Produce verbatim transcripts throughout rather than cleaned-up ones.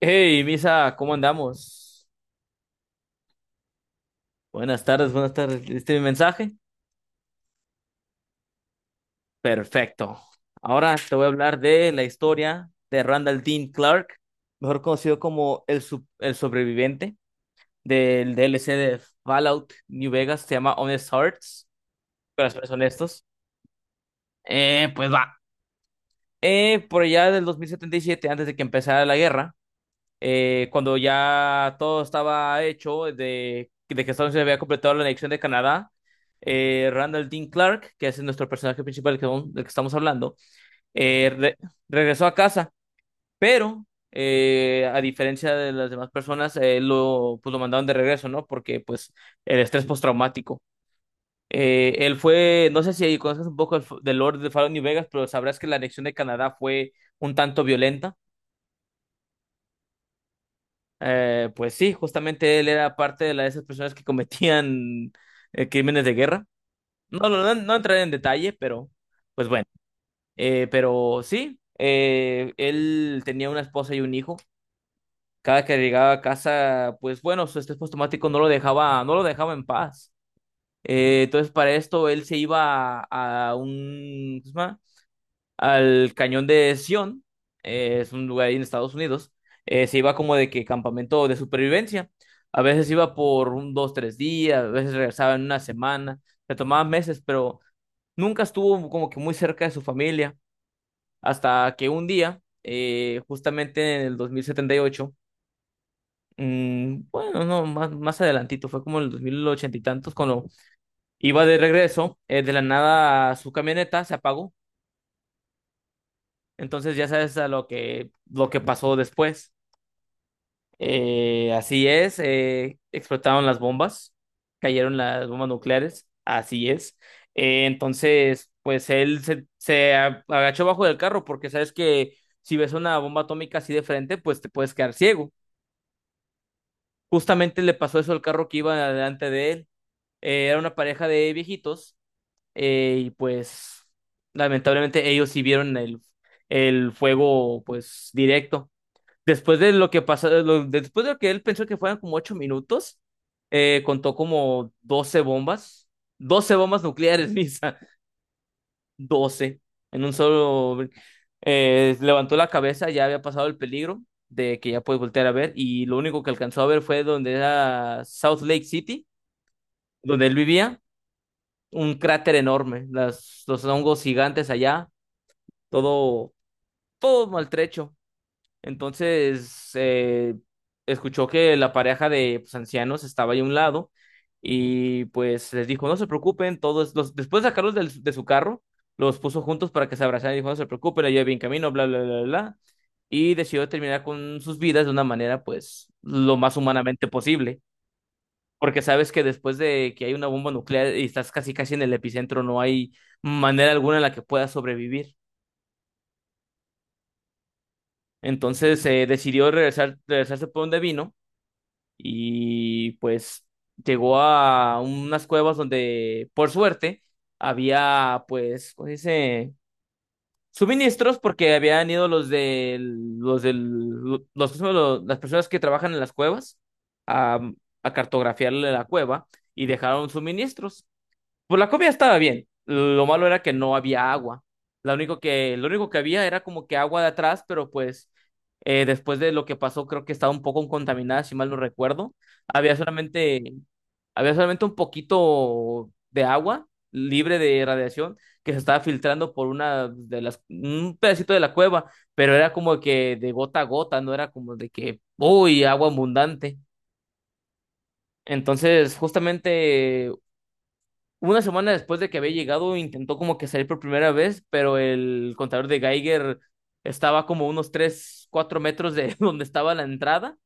Hey, Misa, ¿cómo andamos? Buenas tardes, buenas tardes. ¿Viste mi mensaje? Perfecto. Ahora te voy a hablar de la historia de Randall Dean Clark, mejor conocido como el, sub- el sobreviviente del D L C de Fallout New Vegas. Se llama Honest Hearts, corazones honestos. Eh, pues va. Eh, por allá del dos mil setenta y siete, antes de que empezara la guerra, eh, cuando ya todo estaba hecho de, de que Estados Unidos había completado la anexión de Canadá, eh, Randall Dean Clark, que es nuestro personaje principal del que, vamos- del que estamos hablando, eh, re- regresó a casa, pero eh, a diferencia de las demás personas, eh, lo, pues, lo mandaron de regreso, ¿no? Porque pues el estrés postraumático. Eh, él fue, no sé si conoces un poco del, del Lord de Fallon New Vegas, pero sabrás que la anexión de Canadá fue un tanto violenta. Eh, pues sí, justamente él era parte de la de esas personas que cometían eh, crímenes de guerra. No, no, no, no entraré en detalle, pero pues bueno. Eh, pero sí, eh, él tenía una esposa y un hijo. Cada que llegaba a casa, pues bueno, su estrés postraumático no lo dejaba, no lo dejaba en paz. Eh, entonces para esto él se iba a, a un, ¿cómo se llama? Al cañón de Sion. Eh, es un lugar ahí en Estados Unidos. Eh, se iba como de que campamento de supervivencia. A veces iba por un, dos, tres días, a veces regresaba en una semana, se tomaba meses, pero nunca estuvo como que muy cerca de su familia, hasta que un día, eh, justamente en el dos mil setenta y ocho. Mm, bueno, no, más, más adelantito, fue como en el dos mil ochenta y tantos, cuando iba de regreso, eh, de la nada su camioneta se apagó. Entonces ya sabes a lo que, lo que pasó después. Eh, así es, eh, explotaron las bombas, cayeron las bombas nucleares, así es. Eh, entonces, pues él se, se a- agachó bajo del carro, porque sabes que si ves una bomba atómica así de frente, pues te puedes quedar ciego. Justamente le pasó eso al carro que iba delante de él. Eh, era una pareja de viejitos, eh, y pues lamentablemente ellos sí vieron el, el fuego pues directo. Después de lo que pasó, lo- después de lo que él pensó que fueran como ocho minutos, eh, contó como doce bombas, doce bombas nucleares, Misa, doce. En un solo... eh, levantó la cabeza, ya había pasado el peligro de que ya puede voltear a ver, y lo único que alcanzó a ver fue donde era South Lake City, donde él vivía, un cráter enorme, las, los hongos gigantes allá, todo, todo maltrecho. Entonces, eh, escuchó que la pareja de pues, ancianos estaba ahí a un lado, y pues les dijo, "No se preocupen". Todos los, después de sacarlos del- de su carro, los puso juntos para que se abrazaran, y dijo, "No se preocupen, yo bien camino, bla, bla, bla, bla, bla". Y decidió terminar con sus vidas de una manera pues lo más humanamente posible, porque sabes que después de que hay una bomba nuclear y estás casi casi en el epicentro, no hay manera alguna en la que puedas sobrevivir. Entonces eh, decidió regresar, regresarse por donde vino, y pues llegó a unas cuevas donde, por suerte, había, pues, ¿cómo se dice? Suministros. Porque habían ido los de los del los, los- las personas que trabajan en las cuevas a, a cartografiarle la cueva y dejaron suministros. Pues la comida estaba bien. Lo malo era que no había agua. Lo único que, lo único que había era como que agua de atrás, pero pues eh, después de lo que pasó, creo que estaba un poco contaminada, si mal no recuerdo. Había solamente, había solamente un poquito de agua libre de radiación que se estaba filtrando por una de las, un pedacito de la cueva, pero era como que de gota a gota, no era como de que, uy, agua abundante. Entonces, justamente una semana después de que había llegado, intentó como que salir por primera vez, pero el contador de Geiger estaba como unos tres cuatro metros de donde estaba la entrada,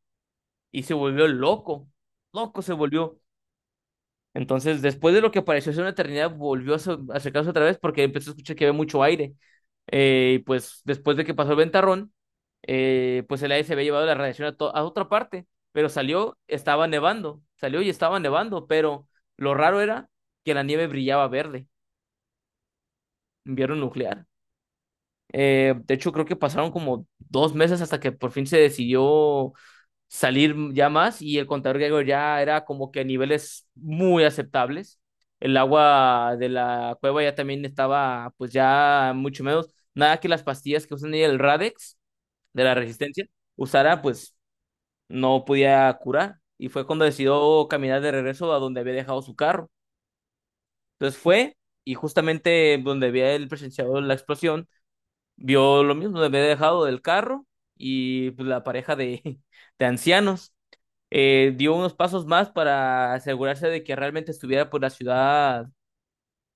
y se volvió loco. Loco se volvió. Entonces, después de lo que pareció ser una eternidad, volvió a so- a acercarse otra vez porque empezó a escuchar que había mucho aire. Eh, y pues después de que pasó el ventarrón, eh, pues el aire se había llevado la radiación a, to- a otra parte, pero salió, estaba nevando, salió y estaba nevando, pero lo raro era que la nieve brillaba verde. Invierno nuclear. Eh, de hecho, creo que pasaron como dos meses hasta que por fin se decidió salir ya más, y el contador griego ya era como que a niveles muy aceptables. El agua de la cueva ya también estaba pues ya mucho menos. Nada que las pastillas que usan ahí, el Radex de la resistencia usara, pues no podía curar. Y fue cuando decidió caminar de regreso a donde había dejado su carro. Entonces fue, y justamente donde había él presenciado la explosión vio lo mismo, me había dejado del carro, y pues, la pareja de, de ancianos, eh, dio unos pasos más para asegurarse de que realmente estuviera por la ciudad.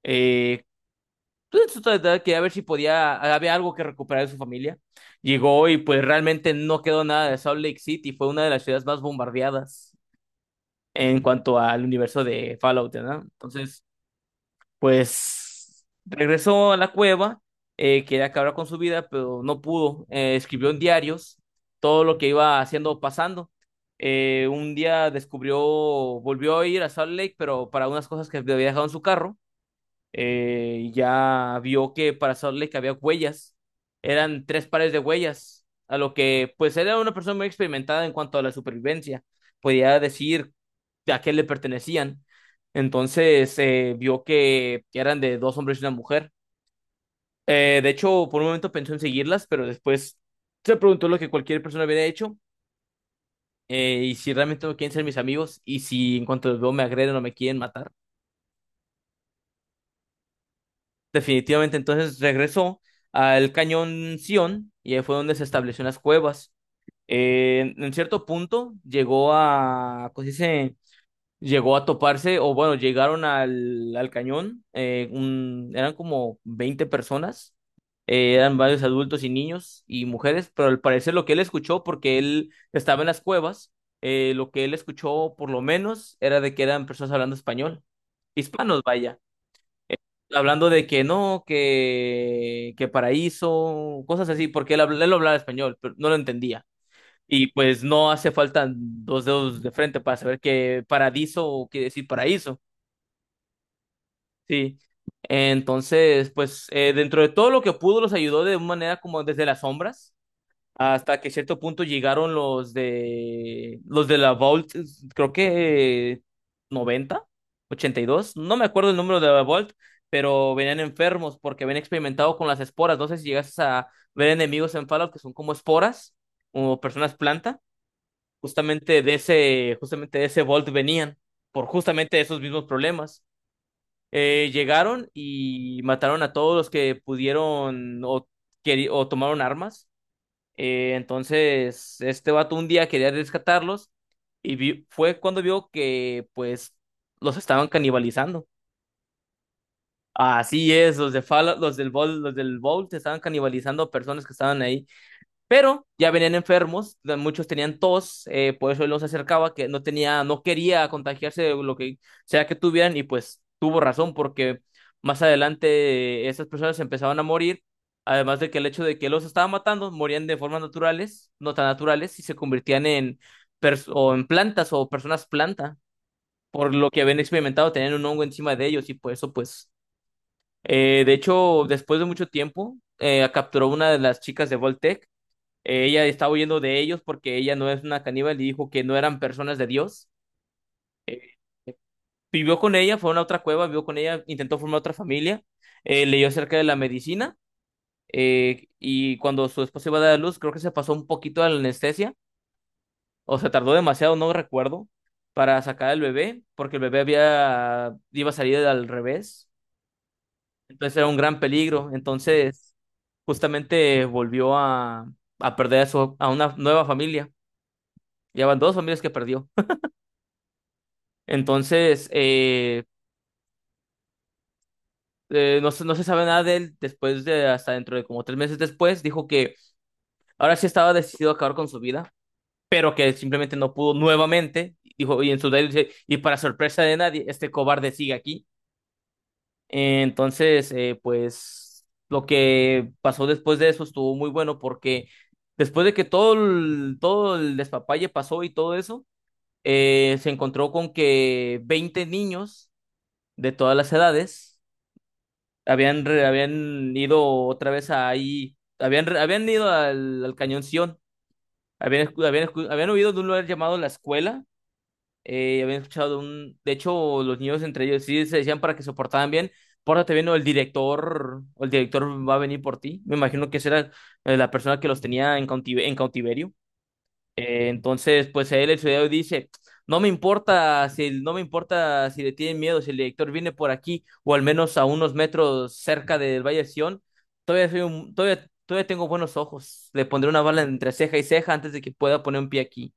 Eh, pues, en su totalidad, quería ver si podía, había algo que recuperar de su familia. Llegó y pues realmente no quedó nada de Salt Lake City, fue una de las ciudades más bombardeadas en cuanto al universo de Fallout, ¿no? Entonces... pues regresó a la cueva. Eh, quería acabar con su vida, pero no pudo. Eh, escribió en diarios todo lo que iba haciendo o pasando. Eh, un día descubrió, volvió a ir a Salt Lake, pero para unas cosas que había dejado en su carro, eh, ya vio que para Salt Lake había huellas. Eran tres pares de huellas, a lo que pues era una persona muy experimentada en cuanto a la supervivencia. Podía decir a qué le pertenecían. Entonces eh, vio que eran de dos hombres y una mujer. Eh, de hecho, por un momento pensó en seguirlas, pero después se preguntó lo que cualquier persona hubiera hecho. Eh, ¿y si realmente no quieren ser mis amigos y si en cuanto los veo me agreden o me quieren matar? Definitivamente, entonces regresó al cañón Sion y ahí fue donde se estableció en las cuevas. Eh, en cierto punto llegó a, ¿cómo se dice? Llegó a toparse, o bueno, llegaron al, al cañón, eh, un- eran como veinte personas, eh, eran varios adultos y niños y mujeres, pero al parecer lo que él escuchó, porque él estaba en las cuevas, eh, lo que él escuchó por lo menos era de que eran personas hablando español, hispanos, vaya, hablando de que no, que, que paraíso, cosas así, porque él, habla- él hablaba español, pero no lo entendía. Y pues no hace falta dos dedos de frente para saber que paradiso quiere decir paraíso, sí. Entonces, pues eh, dentro de todo lo que pudo, los ayudó de una manera como desde las sombras, hasta que cierto punto llegaron los de los de la Vault. Es- creo que noventa ochenta y dos, no me acuerdo el número de la Vault, pero venían enfermos porque habían experimentado con las esporas. No sé si llegas a ver enemigos en Fallout que son como esporas o personas planta, justamente de ese justamente de ese Vault venían por justamente esos mismos problemas. Eh, llegaron y mataron a todos los que pudieron, o, queri- o tomaron armas. Eh, entonces, este vato un día quería rescatarlos, y vi- fue cuando vio que pues los estaban canibalizando. Así es, los de Fallout, los del Vault, los del Vault estaban canibalizando a personas que estaban ahí. Pero ya venían enfermos, la- muchos tenían tos. Eh, por eso él los acercaba, que no tenía, no quería contagiarse de lo que sea que tuvieran, y pues tuvo razón, porque más adelante eh, esas personas empezaban a morir. Además de que el hecho de que él los estaba matando, morían de formas naturales, no tan naturales, y se convertían en, pers- o en plantas o personas planta, por lo que habían experimentado, tenían un hongo encima de ellos, y por eso pues, eh, de hecho, después de mucho tiempo, eh, capturó una de las chicas de Voltec. eh, Ella estaba huyendo de ellos porque ella no es una caníbal y dijo que no eran personas de Dios. Eh, Vivió con ella, fue a una otra cueva, vivió con ella, intentó formar otra familia, eh, leyó acerca de la medicina, eh, y cuando su esposa iba a dar a luz, creo que se pasó un poquito de la anestesia, o se tardó demasiado, no recuerdo, para sacar al bebé, porque el bebé había, iba a salir al revés, entonces era un gran peligro. Entonces justamente volvió a, a perder a, su, a una nueva familia. Ya van dos familias que perdió. Entonces, eh, eh, no, se- no se sabe nada de él después de hasta dentro de como tres meses después. Dijo que ahora sí estaba decidido a acabar con su vida, pero que simplemente no pudo nuevamente. Dijo, y en su diario dice, "Y para sorpresa de nadie, este cobarde sigue aquí". Eh, entonces, eh, pues lo que pasó después de eso estuvo muy bueno, porque después de que todo el, todo el despapalle pasó y todo eso, eh, se encontró con que veinte niños de todas las edades Habían, re- habían ido otra vez ahí, habían, re- habían ido al, al Cañón Sion, habían, escu- habían, escu- habían huido de un lugar llamado La Escuela. Eh, habían escuchado de un, de hecho, los niños entre ellos sí se decían para que se portaran bien, "Pórtate bien o el director", o el director va a venir por ti. Me imagino que esa era eh, la persona que los tenía en cautive- en cautiverio. Eh, entonces, pues a él el ciudadano dice, "No me importa si no me importa si le tienen miedo. Si el director viene por aquí o al menos a unos metros cerca del Valle de Sion, todavía soy un- todavía, todavía tengo buenos ojos. Le pondré una bala entre ceja y ceja antes de que pueda poner un pie aquí".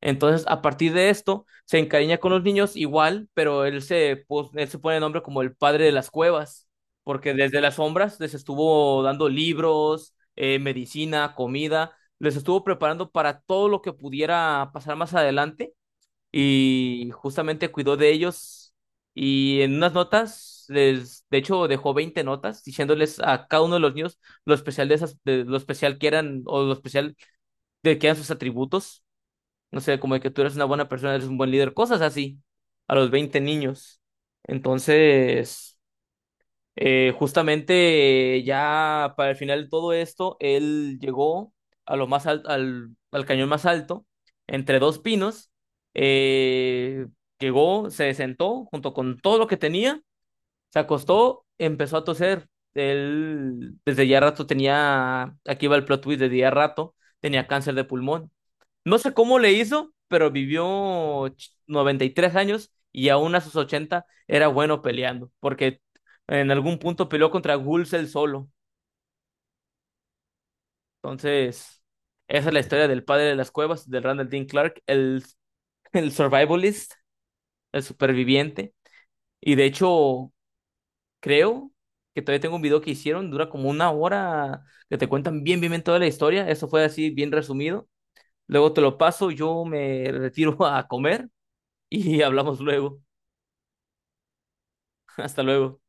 Entonces, a partir de esto, se encariña con los niños igual, pero él se, pos- él se pone el nombre como el padre de las cuevas, porque desde las sombras les estuvo dando libros, eh, medicina, comida, les estuvo preparando para todo lo que pudiera pasar más adelante, y justamente cuidó de ellos. Y en unas notas, les, de hecho, dejó veinte notas diciéndoles a cada uno de los niños lo especial de esas, de lo especial que eran, o lo especial de que eran sus atributos, no sé, como de que tú eres una buena persona, eres un buen líder, cosas así, a los veinte niños. Entonces, eh, justamente eh, ya para el final de todo esto, él llegó a lo más al, al, al cañón más alto, entre dos pinos. eh, Llegó, se sentó junto con todo lo que tenía, se acostó, empezó a toser. Él desde ya rato tenía, aquí va el plot twist, desde ya rato tenía cáncer de pulmón. No sé cómo le hizo, pero vivió ch- noventa y tres años, y aún a sus ochenta era bueno peleando, porque en algún punto peleó contra Gulsel solo. Entonces, esa es la historia del padre de las cuevas, del Randall Dean Clark, el, el survivalist, el superviviente. Y de hecho, creo que todavía tengo un video que hicieron, dura como una hora, que te cuentan bien, bien, bien toda la historia. Eso fue así, bien resumido. Luego te lo paso, yo me retiro a comer y hablamos luego. Hasta luego.